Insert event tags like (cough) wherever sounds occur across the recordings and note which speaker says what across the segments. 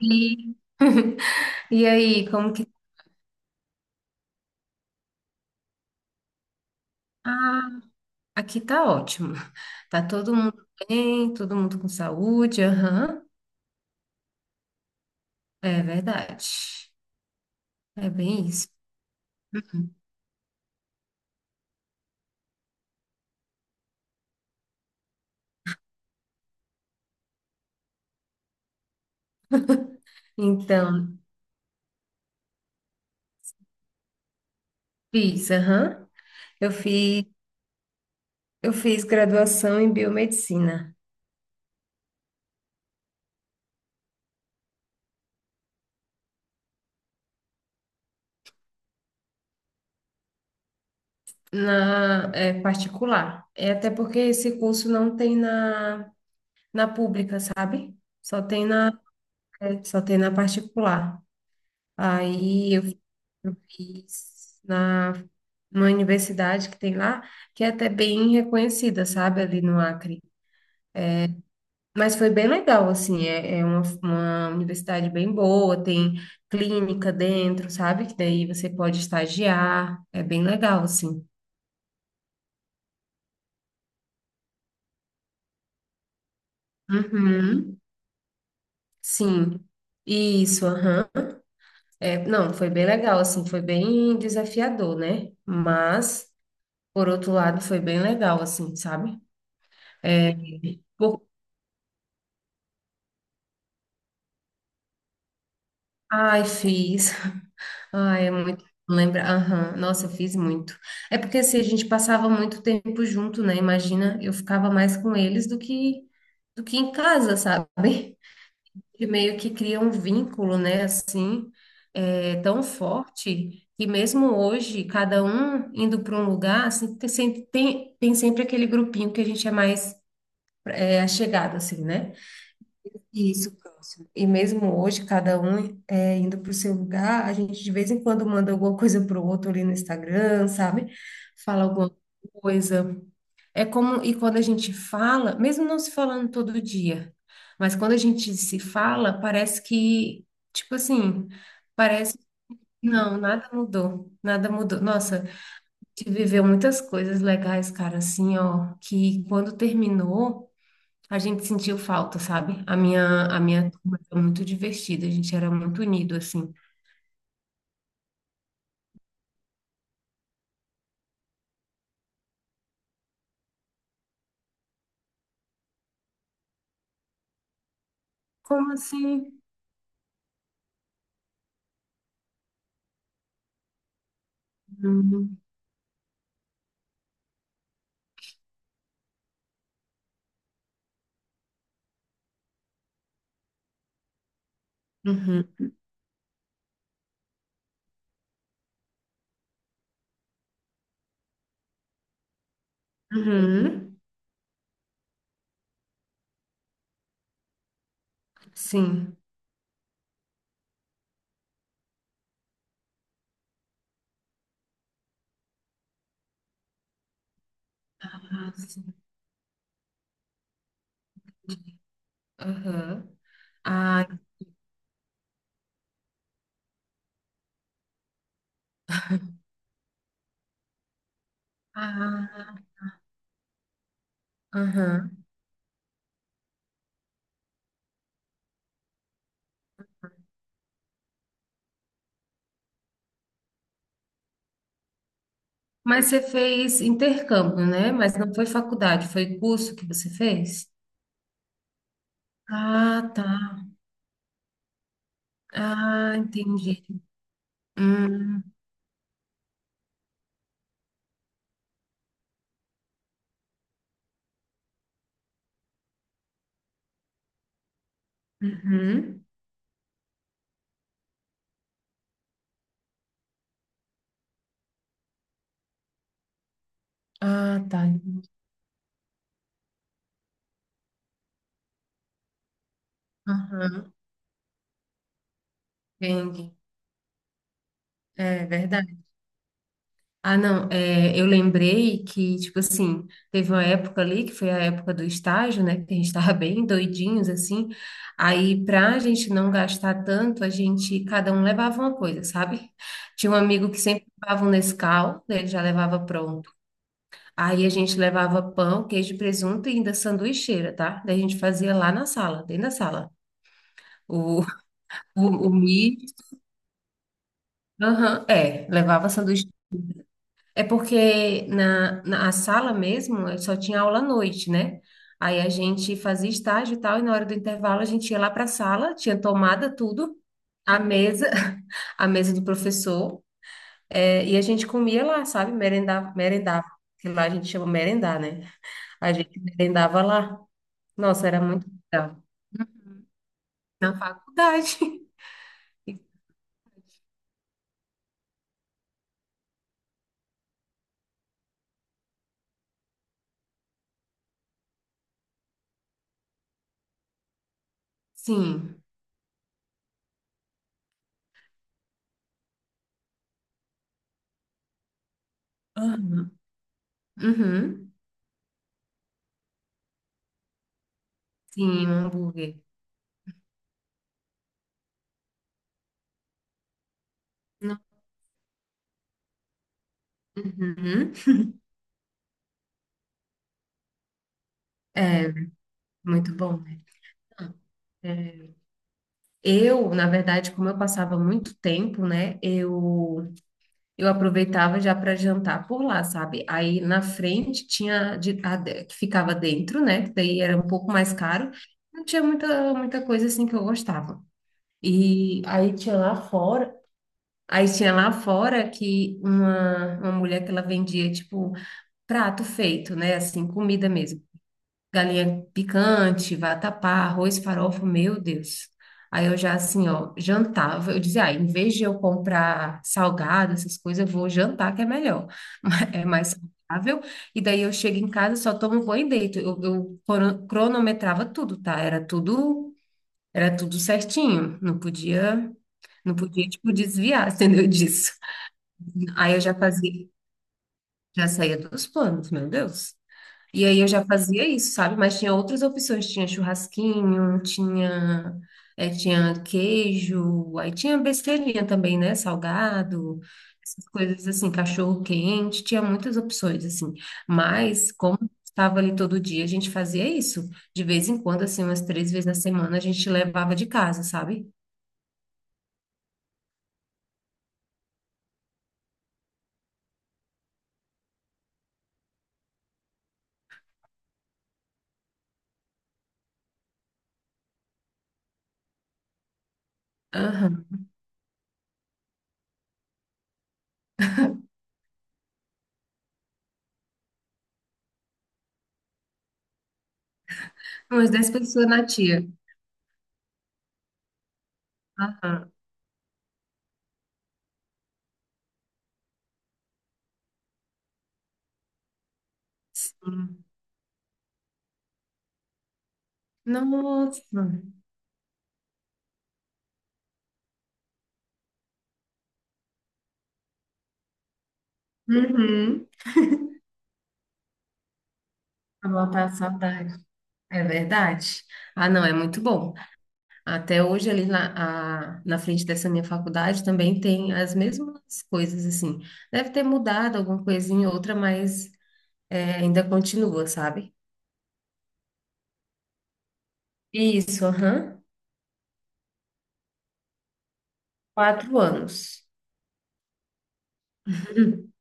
Speaker 1: E, (laughs) e aí, como que Ah, aqui tá ótimo. Tá todo mundo bem, todo mundo com saúde, aham. É verdade. É bem isso. Então, fiz, aham. Eu fiz, eu fiz graduação em biomedicina particular. É até porque esse curso não tem na pública, sabe? Só tem na só tem na particular. Aí eu fiz na uma universidade que tem lá, que é até bem reconhecida, sabe, ali no Acre. Mas foi bem legal, assim, é uma universidade bem boa, tem clínica dentro, sabe, que daí você pode estagiar, é bem legal, assim. Uhum, sim, isso, aham. É, não, foi bem legal, assim, foi bem desafiador, né? Mas, por outro lado, foi bem legal, assim, sabe? É, Por Ai, fiz. Ai, é muito. Lembra? Aham. Nossa, eu fiz muito. É porque assim, a gente passava muito tempo junto, né? Imagina, eu ficava mais com eles do que em casa, sabe? E meio que cria um vínculo, né? Assim, é, tão forte que mesmo hoje, cada um indo para um lugar, assim, tem sempre aquele grupinho que a gente é mais é, achegado, assim, né? Isso, próximo. E mesmo hoje, cada um é, indo para o seu lugar, a gente de vez em quando manda alguma coisa para o outro ali no Instagram, sabe? Fala alguma coisa. É como, e quando a gente fala, mesmo não se falando todo dia, mas quando a gente se fala, parece que, tipo assim, parece, não, nada mudou, nada mudou. Nossa, a gente viveu muitas coisas legais, cara, assim, ó, que quando terminou. A gente sentiu falta, sabe? A minha turma foi muito divertida, a gente era muito unido, assim. Como assim? Uhum, uhum, uhum. Sim. Ah, sim. Aham. Ah, ah, aham. Mas você fez intercâmbio, né? Mas não foi faculdade, foi curso que você fez? Ah, tá. Ah, entendi. Hum, uhum. Ah, tá. Aham, entendi. É verdade. Ah, não, é, eu lembrei que, tipo assim, teve uma época ali, que foi a época do estágio, né, que a gente tava (laughs) bem doidinhos, assim, aí pra gente não gastar tanto, a gente, cada um levava uma coisa, sabe? (laughs) Tinha um amigo que sempre levava um Nescau, né, ele já levava pronto, aí a gente levava pão, queijo, presunto e ainda sanduicheira, tá? Daí a gente fazia lá na sala, dentro da sala, o, (laughs) o, o milho, aham, é, levava sanduíche É porque na, na a sala mesmo só tinha aula à noite, né? Aí a gente fazia estágio e tal, e na hora do intervalo a gente ia lá para a sala, tinha tomada, tudo, a mesa, (laughs) a mesa do professor, e a gente comia lá, sabe? Merendava, merendava, que lá a gente chama merendar, né? A gente merendava lá. Nossa, era muito legal. Na faculdade. (laughs) Sim. Aham. Uhum. Sim, um hambúrguer. Não- Uhum. É, muito bom, né? É, Eu, na verdade, como eu passava muito tempo, né, eu aproveitava já para jantar por lá, sabe? Aí na frente tinha de- a de- que ficava dentro, né, que daí era um pouco mais caro. Não tinha muita coisa assim que eu gostava. E aí tinha lá fora, aí tinha lá fora que uma mulher que ela vendia tipo prato feito, né, assim, comida mesmo galinha picante, vatapá, arroz, farofa, meu Deus. Aí eu já assim, ó, jantava. Eu dizia, ah, em vez de eu comprar salgado, essas coisas, eu vou jantar que é melhor. (laughs) É mais saudável. E daí eu chego em casa, só tomo banho e deito. Cronometrava tudo, tá? Era tudo certinho. Não podia, não podia, tipo, desviar, (laughs) entendeu? Disso. Aí eu já fazia, já saía dos planos, meu Deus. E aí eu já fazia isso, sabe? Mas tinha outras opções, tinha churrasquinho, tinha queijo, aí tinha besteirinha também, né? Salgado, essas coisas assim, cachorro quente, tinha muitas opções, assim. Mas como estava ali todo dia, a gente fazia isso. De vez em quando, assim, umas 3 vezes na semana, a gente levava de casa, sabe? Aham. Umas 10 pessoas na tia. Aham. Sim. Nossa. Uhum. Pra matar a saudade. É verdade. Ah, não, é muito bom. Até hoje, na frente dessa minha faculdade, também tem as mesmas coisas, assim. Deve ter mudado alguma coisinha ou outra, mas é, ainda continua, sabe? Isso, aham. 4 anos. Uhum.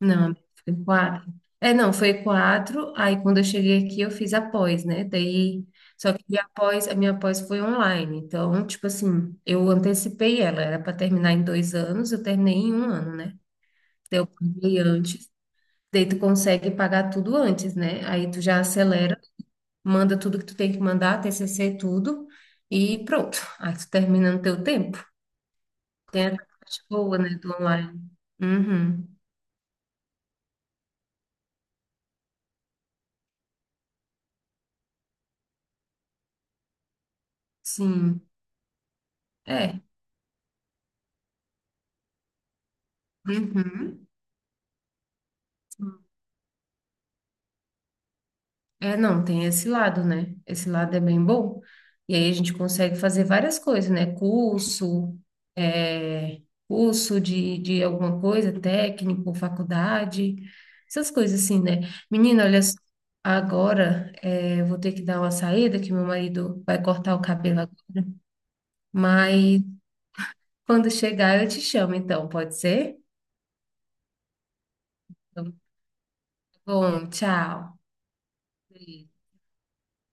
Speaker 1: Não, foi quatro. É, não, foi quatro. Aí, quando eu cheguei aqui, eu fiz a pós, né? Daí, só que a pós, a minha pós foi online. Então, tipo assim, eu antecipei ela. Era para terminar em 2 anos, eu terminei em um ano, né? Eu paguei antes. Daí tu consegue pagar tudo antes, né? Aí tu já acelera, manda tudo que tu tem que mandar, TCC tudo, e pronto. Aí tu termina no teu tempo. Tem a parte boa, né, do online. Uhum. Sim. É. Uhum. É, não, tem esse lado, né? Esse lado é bem bom. E aí a gente consegue fazer várias coisas, né? Curso, é, curso de alguma coisa, técnico, faculdade, essas coisas assim, né? Menina, olha, só, eu vou ter que dar uma saída, que meu marido vai cortar o cabelo agora. Mas quando chegar eu te chamo, então, pode ser? Então, tá Bom, tchau.